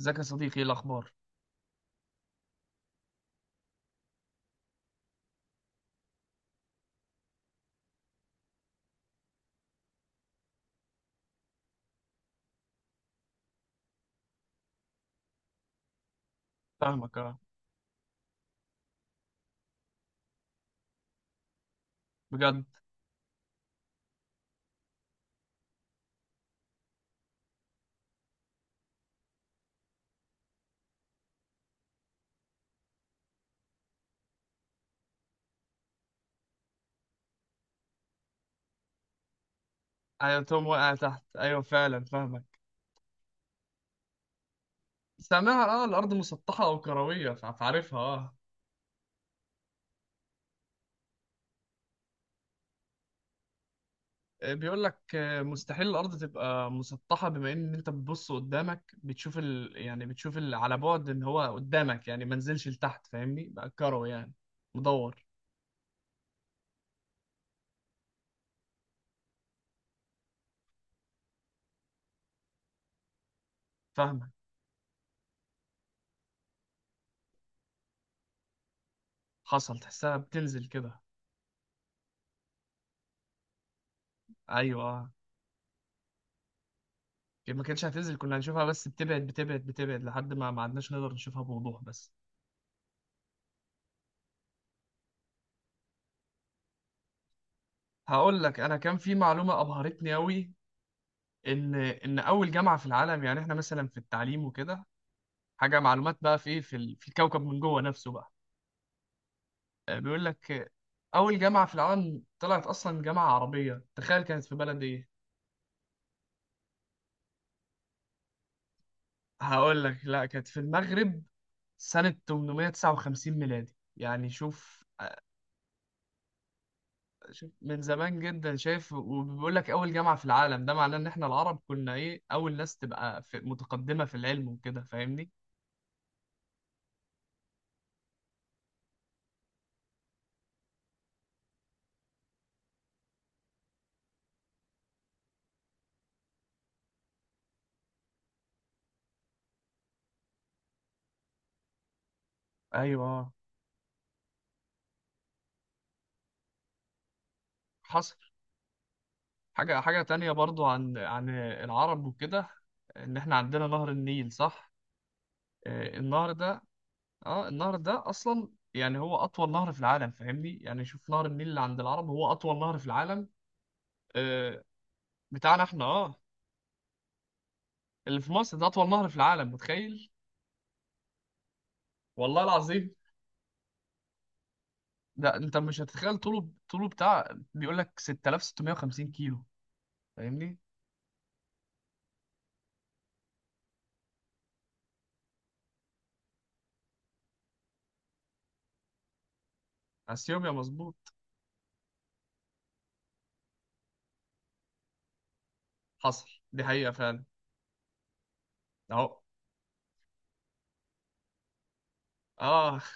ازيك يا صديقي؟ ايه الاخبار؟ فاهمك، اه. بجد؟ ايوه توم واقع تحت، ايوه فعلا فاهمك. سامعها، اه، الارض مسطحه او كرويه، فعارفها، اه. بيقول لك، مستحيل الارض تبقى مسطحه، بما ان انت بتبص قدامك بتشوف يعني بتشوف على بعد ان هو قدامك، يعني ما نزلش لتحت، فاهمني؟ بقى كروي يعني، مدور. فاهمك. حصل، تحسها بتنزل كده؟ ايوه اه، ما كانتش هتنزل، كنا هنشوفها بس بتبعد بتبعد بتبعد لحد ما ما عدناش نقدر نشوفها بوضوح بس. هقول لك، انا كان في معلومه ابهرتني قوي. ان اول جامعه في العالم، يعني احنا مثلا في التعليم وكده، حاجه معلومات بقى في إيه، في في الكوكب من جوه نفسه بقى. بيقول لك، اول جامعه في العالم طلعت اصلا جامعه عربيه، تخيل! كانت في بلد ايه؟ هقول لك، لا، كانت في المغرب. سنه 859 ميلادي، يعني شوف شوف، من زمان جدا، شايف؟ وبيقول لك اول جامعه في العالم، ده معناه ان احنا العرب كنا ايه، اول ناس تبقى في متقدمه في العلم وكده، فاهمني؟ ايوه. حصل. حاجة، حاجة تانية برضو عن العرب وكده، إن إحنا عندنا نهر النيل، صح؟ النهر ده، آه النهر ده أصلا يعني هو أطول نهر في العالم، فاهمني؟ يعني شوف، نهر النيل اللي عند العرب هو أطول نهر في العالم. آه، بتاعنا إحنا، آه. اللي في مصر ده أطول نهر في العالم، متخيل؟ والله العظيم. ده أنت مش هتتخيل طوله، طوله بتاع، بيقول لك 6650 كيلو، فاهمني؟ أثيوبيا، مظبوط. حصل، دي حقيقة فعلا. أهو، آه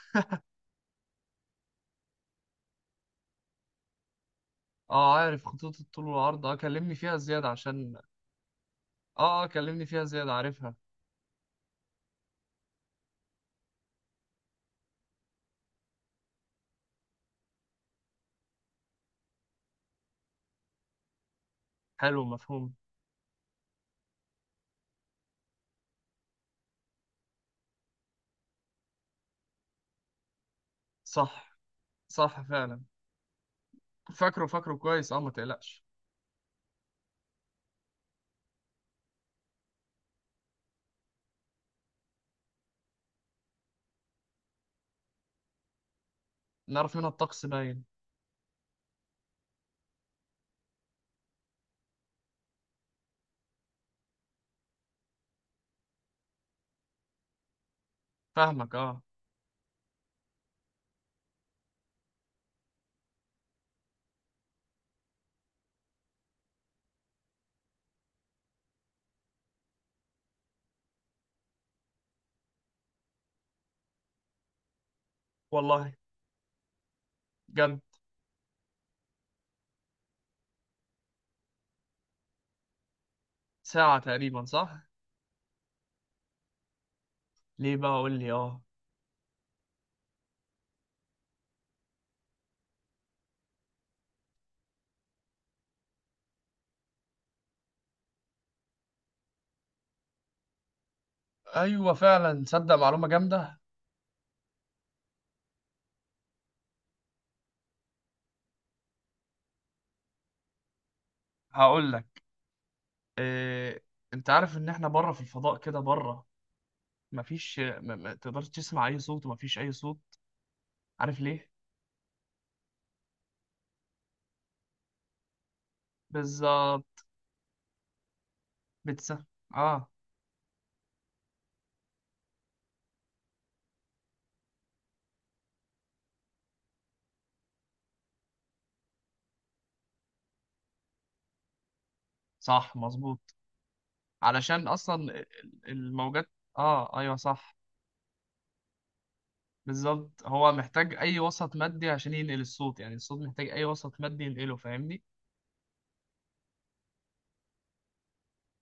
اه عارف خطوط الطول والعرض، اه، كلمني فيها زيادة عشان. اه اه كلمني فيها زيادة، عارفها. حلو، مفهوم. صح، صح فعلا، فاكره، فاكره كويس، اه، ما تقلقش. نعرف منها الطقس باين. فاهمك، اه. والله؟ جد؟ ساعة تقريبا، صح؟ ليه بقى؟ قول لي، اه. ايوه فعلا، تصدق؟ معلومة جامدة. هقول لك، إيه... انت عارف ان احنا بره في الفضاء كده؟ بره مفيش، ما تقدرش تسمع اي صوت، ومفيش اي صوت. عارف ليه؟ بالظبط. بتس اه، صح مظبوط، علشان اصلا الموجات. اه ايوه صح، بالظبط. هو محتاج اي وسط مادي عشان ينقل الصوت، يعني الصوت محتاج اي وسط مادي ينقله، فاهمني؟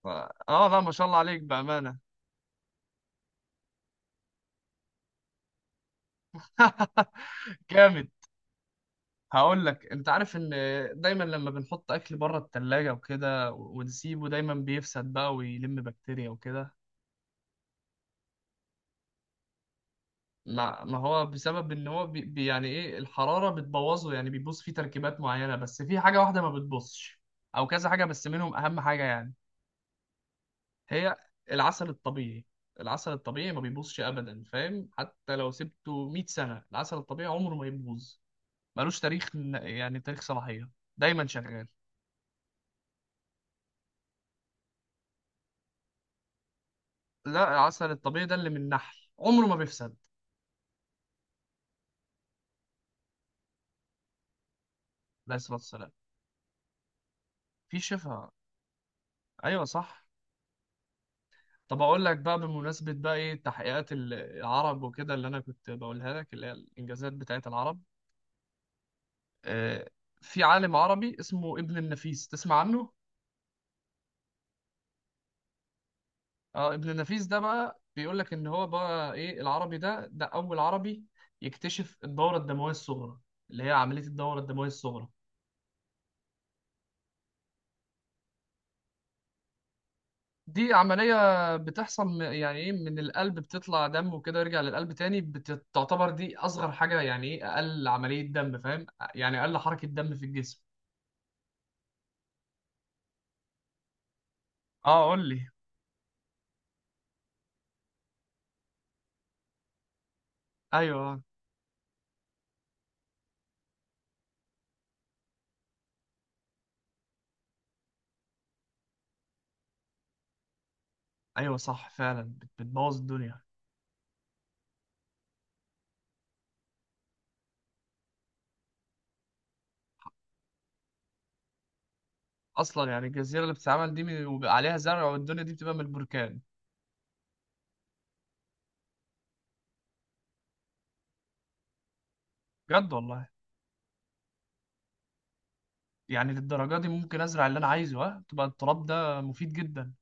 ف... اه لا، ما شاء الله عليك بامانه. جامد. هقول لك، انت عارف ان دايما لما بنحط اكل بره التلاجة وكده ونسيبه دايما بيفسد بقى ويلم بكتيريا وكده؟ ما هو بسبب ان هو يعني ايه، الحرارة بتبوظه، يعني بيبوظ فيه تركيبات معينة، بس في حاجة واحدة ما بتبوظش، او كذا حاجة بس منهم اهم حاجة، يعني هي العسل الطبيعي. العسل الطبيعي ما بيبوظش ابدا، فاهم؟ حتى لو سبته 100 سنه، العسل الطبيعي عمره ما يبوظ. ملوش تاريخ يعني تاريخ صلاحيه، دايما شغال. لا، العسل الطبيعي ده اللي من النحل عمره ما بيفسد. عليه الصلاه والسلام. في شفاء، ايوه صح. طب اقول لك بقى، بمناسبه بقى ايه تحقيقات العرب وكده اللي انا كنت بقولها لك، اللي هي الانجازات بتاعت العرب. آه، في عالم عربي اسمه ابن النفيس، تسمع عنه؟ اه، ابن النفيس ده بقى بيقول لك ان هو بقى ايه، العربي ده، اول عربي يكتشف الدوره الدمويه الصغرى، اللي هي عمليه الدوره الدمويه الصغرى. دي عمليه بتحصل يعني ايه، من القلب بتطلع دم وكده يرجع للقلب تاني، بتعتبر دي اصغر حاجه، يعني ايه، اقل عمليه دم، فاهم؟ يعني اقل حركه دم في الجسم. اه قول لي. ايوه آه. ايوه صح فعلا، بتبوظ الدنيا. اصلا يعني الجزيره اللي بتتعمل دي وبيبقى عليها زرع والدنيا دي بتبقى من البركان. بجد والله؟ يعني للدرجة دي؟ ممكن أزرع اللي أنا عايزه، ها تبقى التراب ده مفيد جدا.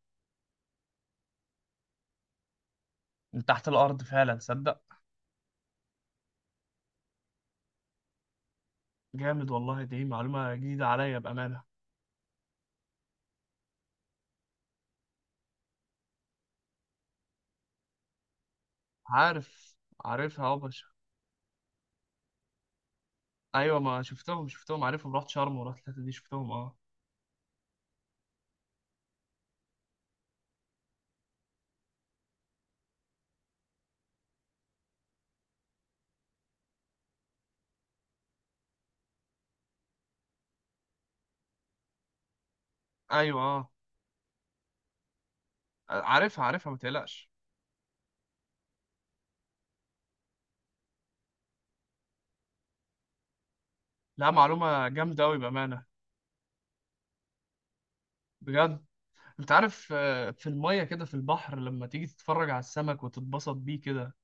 من تحت الأرض فعلا؟ صدق. جامد والله، دي معلومة جديدة عليا بأمانة. عارف، عارفها يا باشا. أيوة ما شفتهم، شفتهم، عارفهم، رحت شرم ورحت الحتة دي، شفتهم أه. أيوة أه. عارفها، عارفها، ما تقلقش. لا، معلومة جامدة أوي بأمانة. بجد. أنت عارف في المية كده في البحر لما تيجي تتفرج على السمك وتتبسط بيه كده؟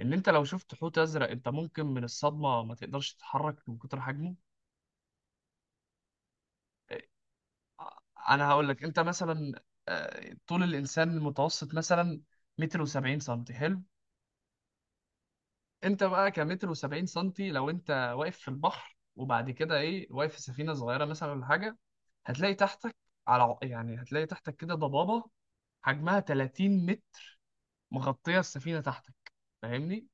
إن أنت لو شفت حوت أزرق، أنت ممكن من الصدمة ما تقدرش تتحرك من كتر حجمه. انا هقول لك، انت مثلا، طول الانسان المتوسط مثلا متر وسبعين سنتي، حلو؟ انت بقى كمتر وسبعين سنتي، لو انت واقف في البحر وبعد كده ايه، واقف في سفينة صغيرة مثلا ولا حاجة، هتلاقي تحتك على يعني هتلاقي تحتك كده ضبابة حجمها 30 متر، مغطية السفينة تحتك، فاهمني؟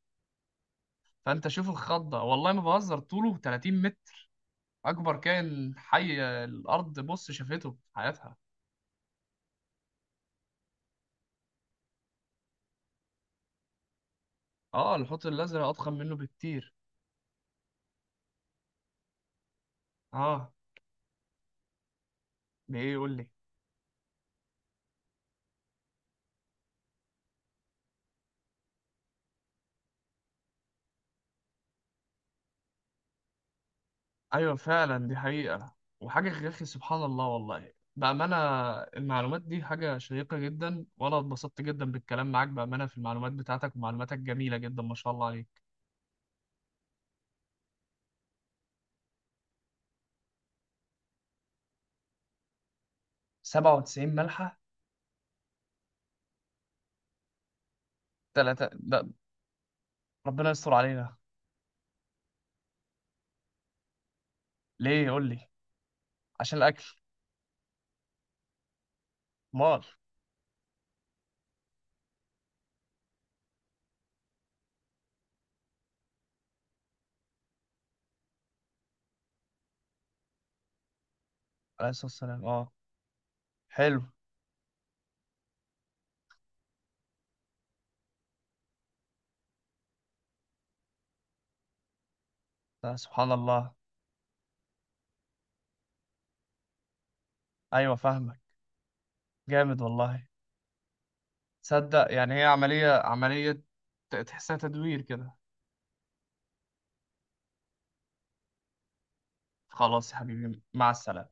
فانت شوف الخضة ده، والله ما بهزر، طوله 30 متر، اكبر كائن حي الارض بص شافته في حياتها. اه، الحوت الازرق اضخم منه بكتير. اه، ده ايه؟ يقول لي. ايوه فعلا، دي حقيقة، وحاجة يا اخي، سبحان الله والله بأمانة. المعلومات دي حاجة شيقة جدا، وانا اتبسطت جدا بالكلام معاك بأمانة، في المعلومات بتاعتك، ومعلوماتك جميلة جدا، ما شاء الله عليك. 97% ملحة؟ تلاتة ده؟ ربنا يستر علينا. ليه؟ يقول لي. عشان الاكل؟ مال. عليه الصلاة والسلام، اه. حلو. ده سبحان الله. ايوه فاهمك. جامد والله. تصدق يعني هي عملية، عملية، تحسها تدوير كده. خلاص يا حبيبي، مع السلامة.